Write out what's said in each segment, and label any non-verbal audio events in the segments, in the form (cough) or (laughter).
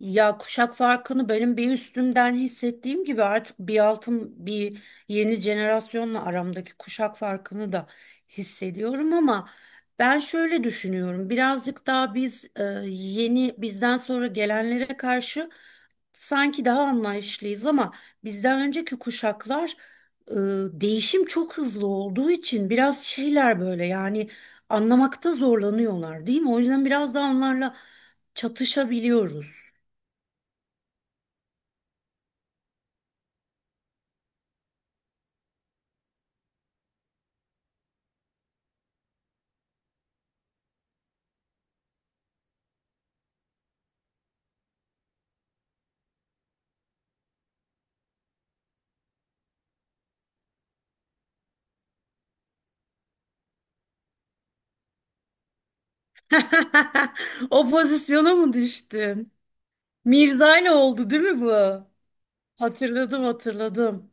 Ya kuşak farkını benim bir üstümden hissettiğim gibi artık bir altım bir yeni jenerasyonla aramdaki kuşak farkını da hissediyorum ama ben şöyle düşünüyorum. Birazcık daha biz yeni bizden sonra gelenlere karşı sanki daha anlayışlıyız ama bizden önceki kuşaklar e, değişim çok hızlı olduğu için biraz şeyler böyle yani anlamakta zorlanıyorlar, değil mi? O yüzden biraz da onlarla çatışabiliyoruz. (laughs) O pozisyona mı düştün? Mirza ile oldu değil mi bu? Hatırladım, hatırladım.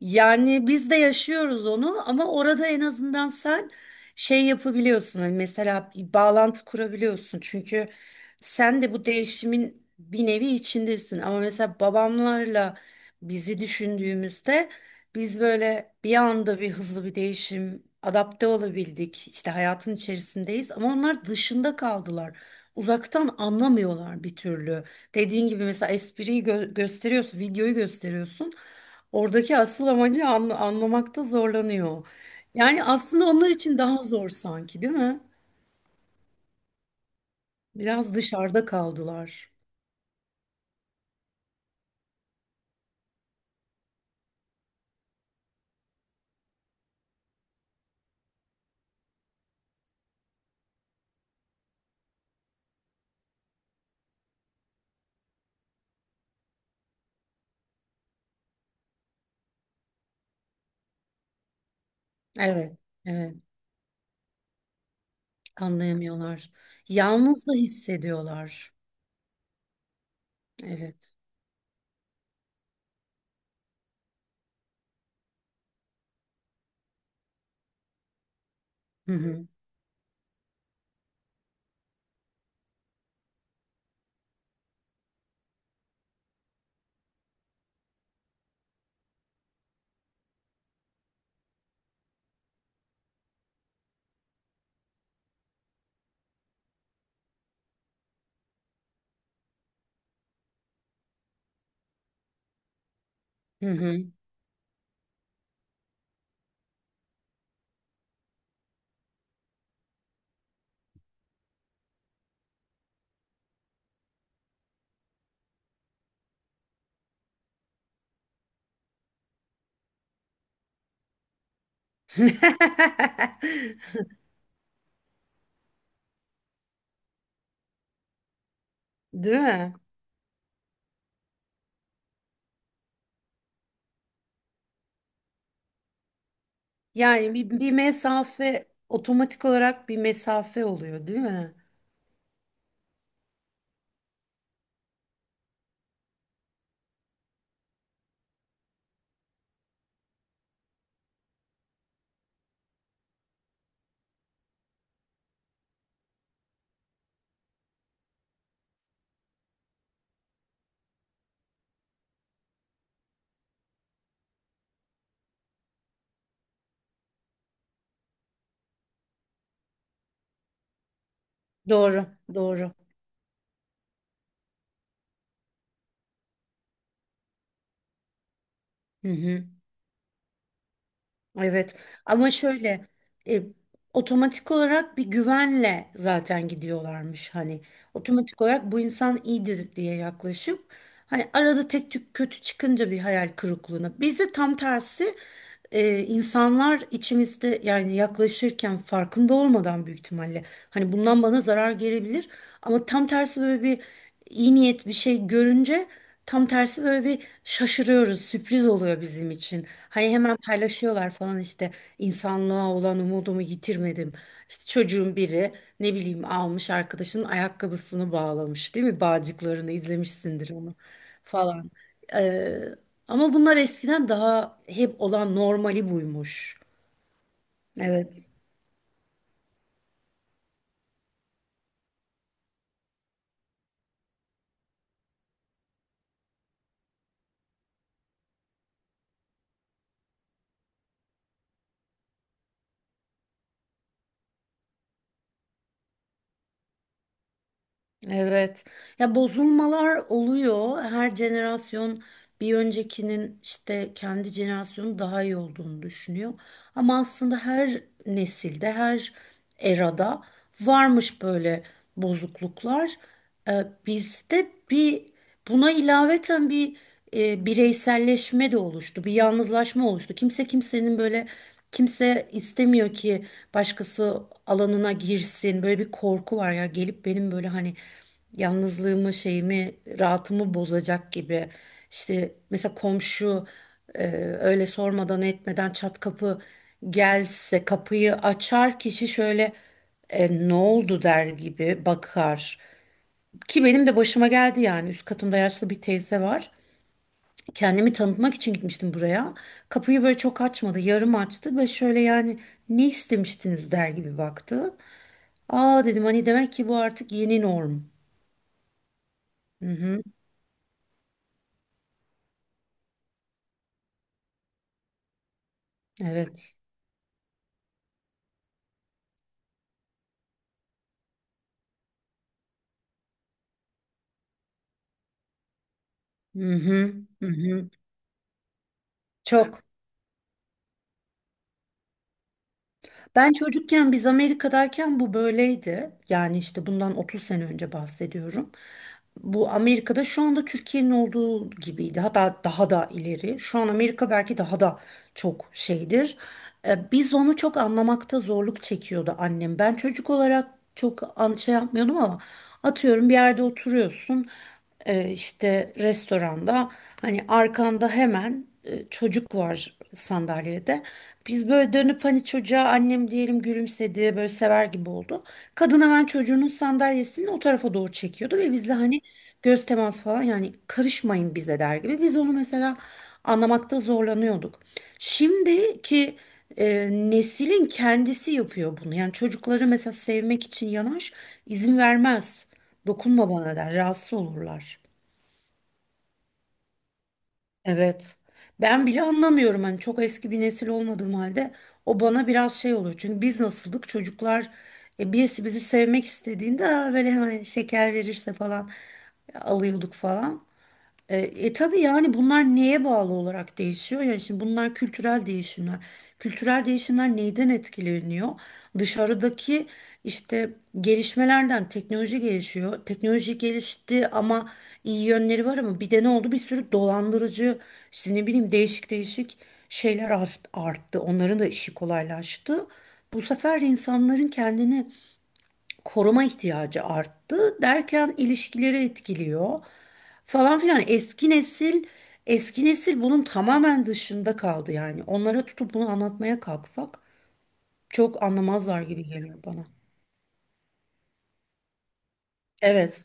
Yani biz de yaşıyoruz onu ama orada en azından sen şey yapabiliyorsun. Hani mesela bir bağlantı kurabiliyorsun. Çünkü sen de bu değişimin bir nevi içindesin. Ama mesela babamlarla bizi düşündüğümüzde biz böyle bir anda bir hızlı bir değişim adapte olabildik. İşte hayatın içerisindeyiz ama onlar dışında kaldılar. Uzaktan anlamıyorlar bir türlü. Dediğin gibi mesela espriyi gösteriyorsun, videoyu gösteriyorsun. Oradaki asıl amacı anlamakta zorlanıyor. Yani aslında onlar için daha zor sanki, değil mi? Biraz dışarıda kaldılar. Evet, evet, anlayamıyorlar. Yalnız da hissediyorlar. Evet. Hı hı. Hı hı. (laughs) Değil mi? Yani bir mesafe, otomatik olarak bir mesafe oluyor, değil mi? Doğru, doğru. Hı hı. Evet ama şöyle e, otomatik olarak bir güvenle zaten gidiyorlarmış, hani otomatik olarak bu insan iyidir diye yaklaşıp, hani arada tek tük kötü çıkınca bir hayal kırıklığına. Bizde tam tersi, insanlar içimizde yani yaklaşırken farkında olmadan büyük ihtimalle hani bundan bana zarar gelebilir, ama tam tersi böyle bir iyi niyet, bir şey görünce tam tersi böyle bir şaşırıyoruz, sürpriz oluyor bizim için. Hani hemen paylaşıyorlar falan, işte insanlığa olan umudumu yitirmedim. İşte çocuğun biri, ne bileyim, almış arkadaşının ayakkabısını bağlamış, değil mi, bağcıklarını, izlemişsindir onu falan. Ee, Ama bunlar eskiden daha hep olan, normali buymuş. Evet. Evet. Ya bozulmalar oluyor. Her jenerasyon bir öncekinin, işte kendi jenerasyonu daha iyi olduğunu düşünüyor. Ama aslında her nesilde, her erada varmış böyle bozukluklar. Ee, Bizde bir, buna ilaveten bir bireyselleşme de oluştu, bir yalnızlaşma oluştu. Kimse kimsenin böyle, kimse istemiyor ki başkası alanına girsin. Böyle bir korku var, ya gelip benim böyle hani yalnızlığımı, şeyimi, rahatımı bozacak gibi. İşte mesela komşu e, öyle sormadan etmeden çat kapı gelse, kapıyı açar kişi şöyle ne oldu der gibi bakar. Ki benim de başıma geldi yani. Üst katımda yaşlı bir teyze var. Kendimi tanıtmak için gitmiştim buraya. Kapıyı böyle çok açmadı, yarım açtı ve şöyle yani ne istemiştiniz der gibi baktı. Aa, dedim, hani demek ki bu artık yeni norm. Hı hı, evet. Hı hı, hı hı. Çok. Ben çocukken biz Amerika'dayken bu böyleydi. Yani işte bundan 30 sene önce bahsediyorum. Bu, Amerika'da şu anda Türkiye'nin olduğu gibiydi. Hatta daha da ileri. Şu an Amerika belki daha da çok şeydir. Biz onu çok anlamakta zorluk çekiyordu annem. Ben çocuk olarak çok şey yapmıyordum ama, atıyorum, bir yerde oturuyorsun, işte restoranda, hani arkanda hemen çocuk var sandalyede. Biz böyle dönüp hani çocuğa, annem diyelim, gülümsedi böyle sever gibi oldu. Kadın hemen çocuğunun sandalyesini o tarafa doğru çekiyordu ve bizle hani göz teması falan, yani karışmayın bize der gibi. Biz onu mesela anlamakta zorlanıyorduk. Şimdiki neslin kendisi yapıyor bunu. Yani çocukları mesela sevmek için yanaş izin vermez. Dokunma bana der. Rahatsız olurlar. Evet. Ben bile anlamıyorum, hani çok eski bir nesil olmadığım halde o bana biraz şey oluyor. Çünkü biz nasıldık çocuklar, birisi bizi sevmek istediğinde, "Aa", böyle hemen şeker verirse falan alıyorduk falan. E, tabii yani bunlar neye bağlı olarak değişiyor? Yani şimdi bunlar kültürel değişimler. Kültürel değişimler neyden etkileniyor? Dışarıdaki işte gelişmelerden, teknoloji gelişiyor. Teknoloji gelişti ama iyi yönleri var, ama bir de ne oldu? Bir sürü dolandırıcı, işte ne bileyim, değişik değişik şeyler arttı. Onların da işi kolaylaştı. Bu sefer insanların kendini koruma ihtiyacı arttı. Derken ilişkileri etkiliyor falan filan. Eski nesil bunun tamamen dışında kaldı yani. Onlara tutup bunu anlatmaya kalksak çok anlamazlar gibi geliyor bana. Evet.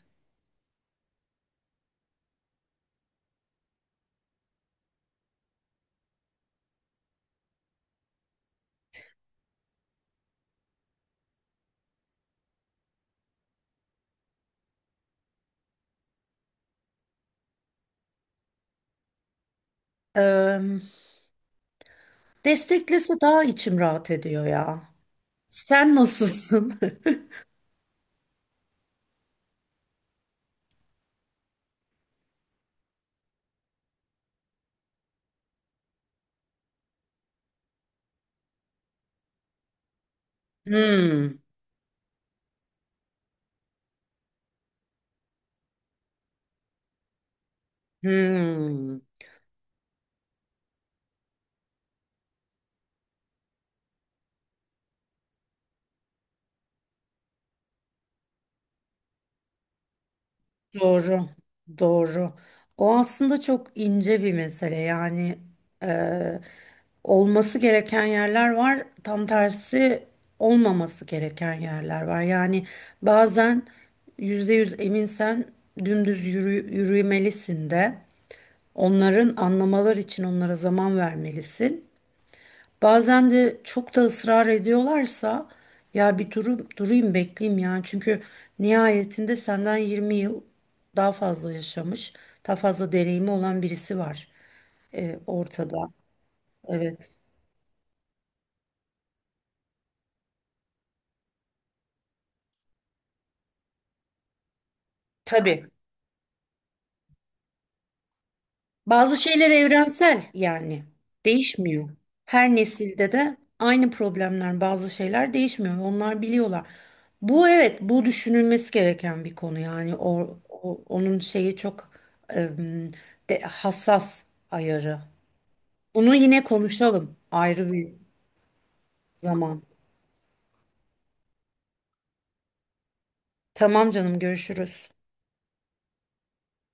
Eee Desteklese daha içim rahat ediyor ya. Sen nasılsın? (laughs) Hmm, hmm. Doğru, doğru. O aslında çok ince bir mesele yani, olması gereken yerler var. Tam tersi olmaması gereken yerler var. Yani bazen %100 eminsen dümdüz yürümelisin de onların anlamalar için onlara zaman vermelisin. Bazen de çok da ısrar ediyorlarsa ya bir durum, durayım, bekleyeyim yani. Çünkü nihayetinde senden 20 yıl daha fazla yaşamış, daha fazla deneyimi olan birisi var ortada. Evet. Tabii. Bazı şeyler evrensel yani değişmiyor. Her nesilde de aynı problemler, bazı şeyler değişmiyor. Onlar biliyorlar. Bu, evet, bu düşünülmesi gereken bir konu yani, onun şeyi çok em, hassas ayarı. Bunu yine konuşalım ayrı bir zaman. Tamam canım, görüşürüz.